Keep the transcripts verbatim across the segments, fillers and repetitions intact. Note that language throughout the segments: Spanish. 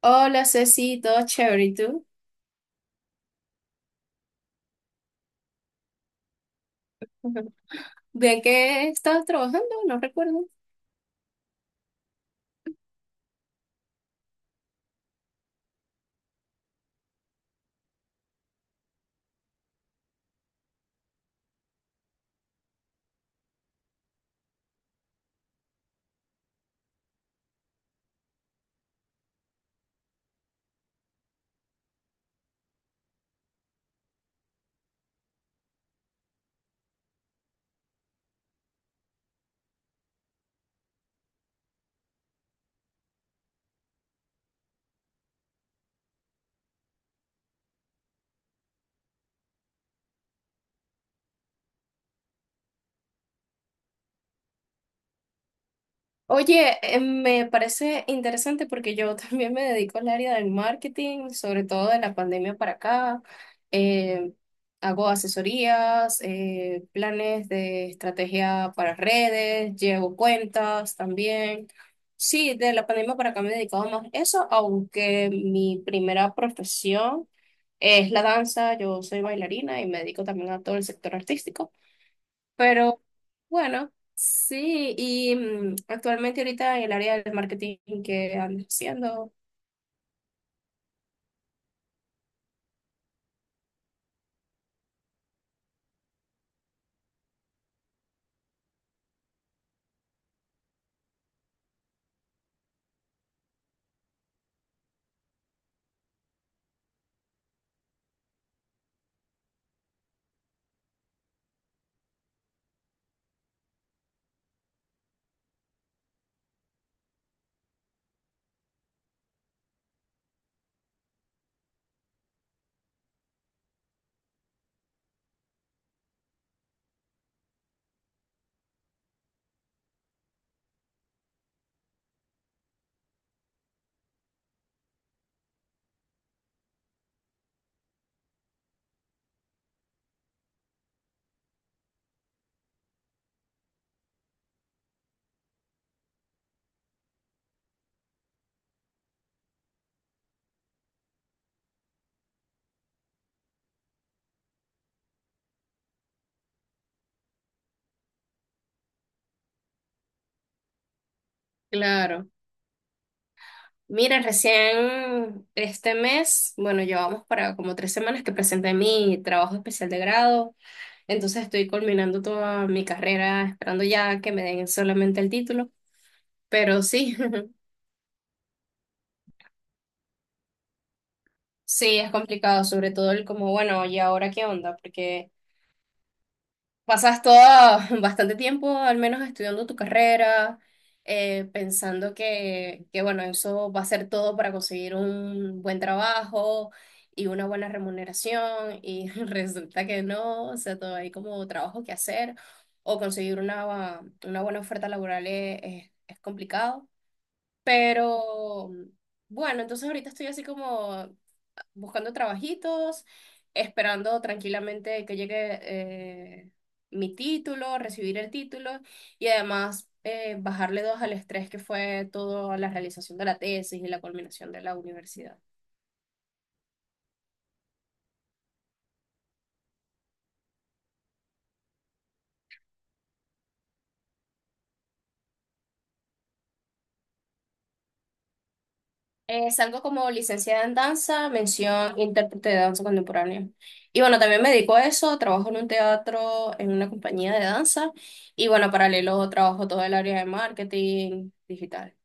Hola Ceci, todo chévere, ¿y tú? ¿De qué estabas trabajando? No recuerdo. Oye, eh, me parece interesante porque yo también me dedico al área del marketing, sobre todo de la pandemia para acá. Eh, hago asesorías, eh, planes de estrategia para redes, llevo cuentas también. Sí, de la pandemia para acá me he dedicado más a eso, aunque mi primera profesión es la danza. Yo soy bailarina y me dedico también a todo el sector artístico. Pero bueno, sí, y mm, actualmente ahorita en el área del marketing que ando haciendo. Claro. Mira, recién este mes, bueno, llevamos para como tres semanas que presenté mi trabajo especial de grado, entonces estoy culminando toda mi carrera, esperando ya que me den solamente el título, pero sí, sí, es complicado, sobre todo el como, bueno, ¿y ahora qué onda? Porque pasas todo bastante tiempo, al menos estudiando tu carrera, eh, pensando que, que, bueno, eso va a ser todo para conseguir un buen trabajo y una buena remuneración, y resulta que no, o sea, todo hay como trabajo que hacer, o conseguir una, una buena oferta laboral es, es es complicado, pero bueno, entonces ahorita estoy así como buscando trabajitos, esperando tranquilamente que llegue eh, mi título, recibir el título y además eh, bajarle dos al estrés que fue toda la realización de la tesis y la culminación de la universidad. Eh, salgo como licenciada en danza, mención intérprete de danza contemporánea. Y bueno, también me dedico a eso, trabajo en un teatro, en una compañía de danza y bueno, paralelo trabajo todo el área de marketing digital.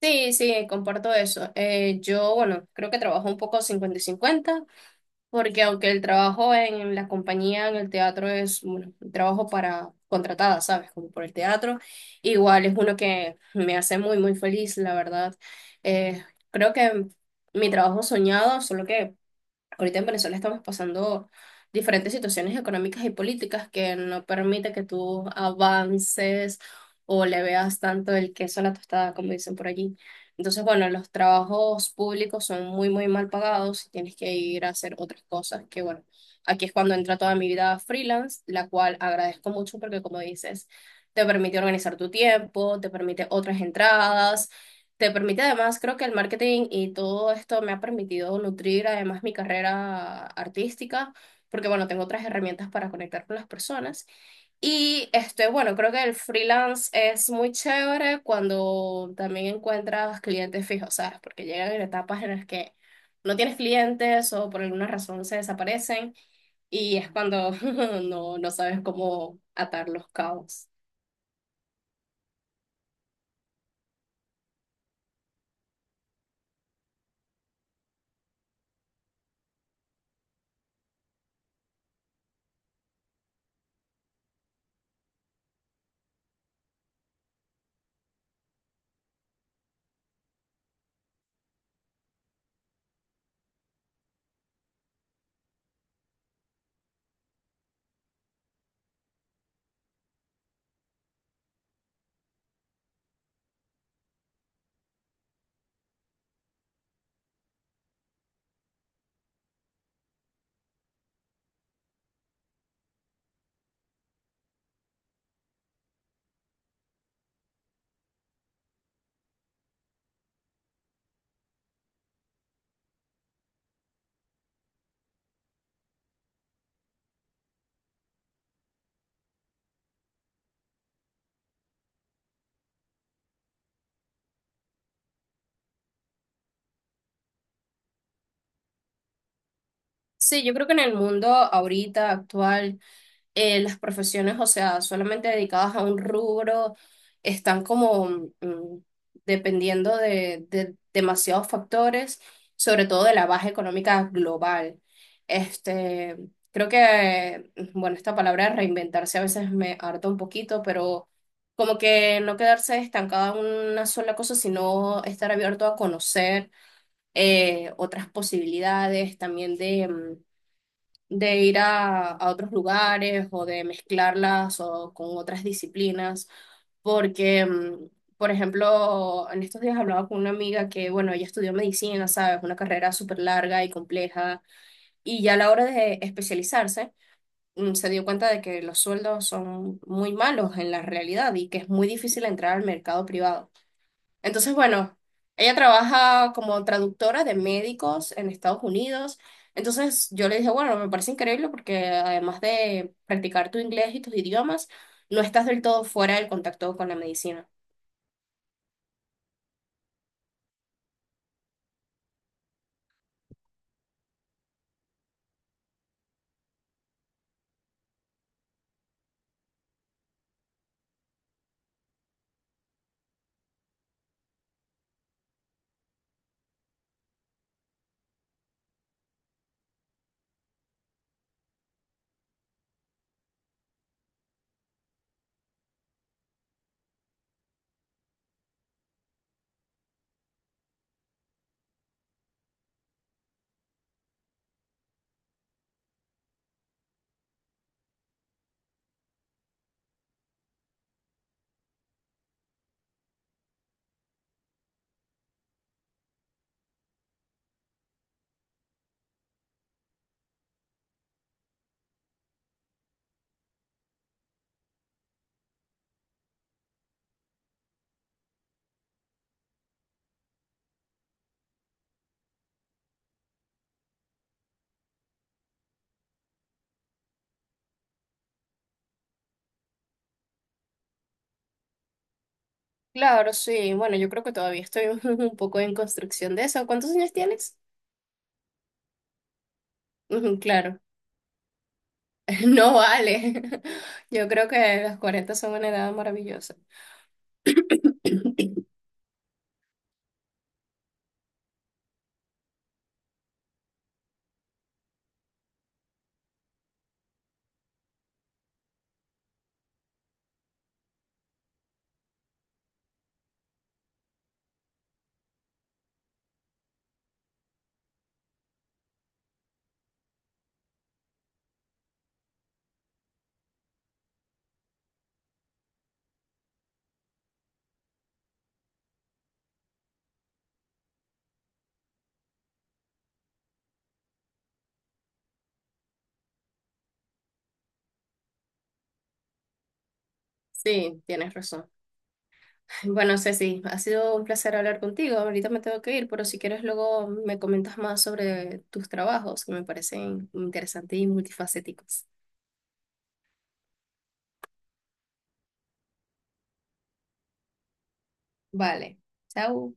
Sí, sí, comparto eso. Eh, yo, bueno, creo que trabajo un poco cincuenta y cincuenta, porque aunque el trabajo en la compañía, en el teatro es, bueno, un trabajo para contratada, ¿sabes? Como por el teatro, igual es uno que me hace muy, muy feliz, la verdad. Eh, Creo que mi trabajo soñado, solo que ahorita en Venezuela estamos pasando diferentes situaciones económicas y políticas que no permite que tú avances o le veas tanto el queso a la tostada, como dicen por allí. Entonces, bueno, los trabajos públicos son muy, muy mal pagados y tienes que ir a hacer otras cosas que, bueno, aquí es cuando entra toda mi vida freelance, la cual agradezco mucho porque, como dices, te permite organizar tu tiempo, te permite otras entradas, te permite además, creo que el marketing y todo esto me ha permitido nutrir además mi carrera artística, porque bueno, tengo otras herramientas para conectar con las personas. Y este, bueno, creo que el freelance es muy chévere cuando también encuentras clientes fijos, ¿sabes? Porque llegan en etapas en las que no tienes clientes o por alguna razón se desaparecen y es cuando no, no sabes cómo atar los cabos. Sí, yo creo que en el mundo ahorita actual eh, las profesiones, o sea, solamente dedicadas a un rubro, están como mm, mm, dependiendo de, de demasiados factores, sobre todo de la baja económica global. Este, creo que, mm, bueno, esta palabra reinventarse a veces me harta un poquito, pero como que no quedarse estancada en una sola cosa, sino estar abierto a conocer eh, otras posibilidades también de mm, de ir a, a otros lugares o de mezclarlas o con otras disciplinas, porque, mm, por ejemplo, en estos días hablaba con una amiga que, bueno, ella estudió medicina, ¿sabes? Una carrera súper larga y compleja, y ya a la hora de especializarse, mm, se dio cuenta de que los sueldos son muy malos en la realidad y que es muy difícil entrar al mercado privado. Entonces, bueno, ella trabaja como traductora de médicos en Estados Unidos. Entonces, yo le dije, bueno, me parece increíble porque además de practicar tu inglés y tus idiomas, no estás del todo fuera del contacto con la medicina. Claro, sí. Bueno, yo creo que todavía estoy un poco en construcción de eso. ¿Cuántos años tienes? Ujú, claro, no vale. Yo creo que los cuarenta son una edad maravillosa. Sí, tienes razón. Bueno, Ceci, ha sido un placer hablar contigo. Ahorita me tengo que ir, pero si quieres luego me comentas más sobre tus trabajos, que me parecen interesantes y multifacéticos. Vale, chao.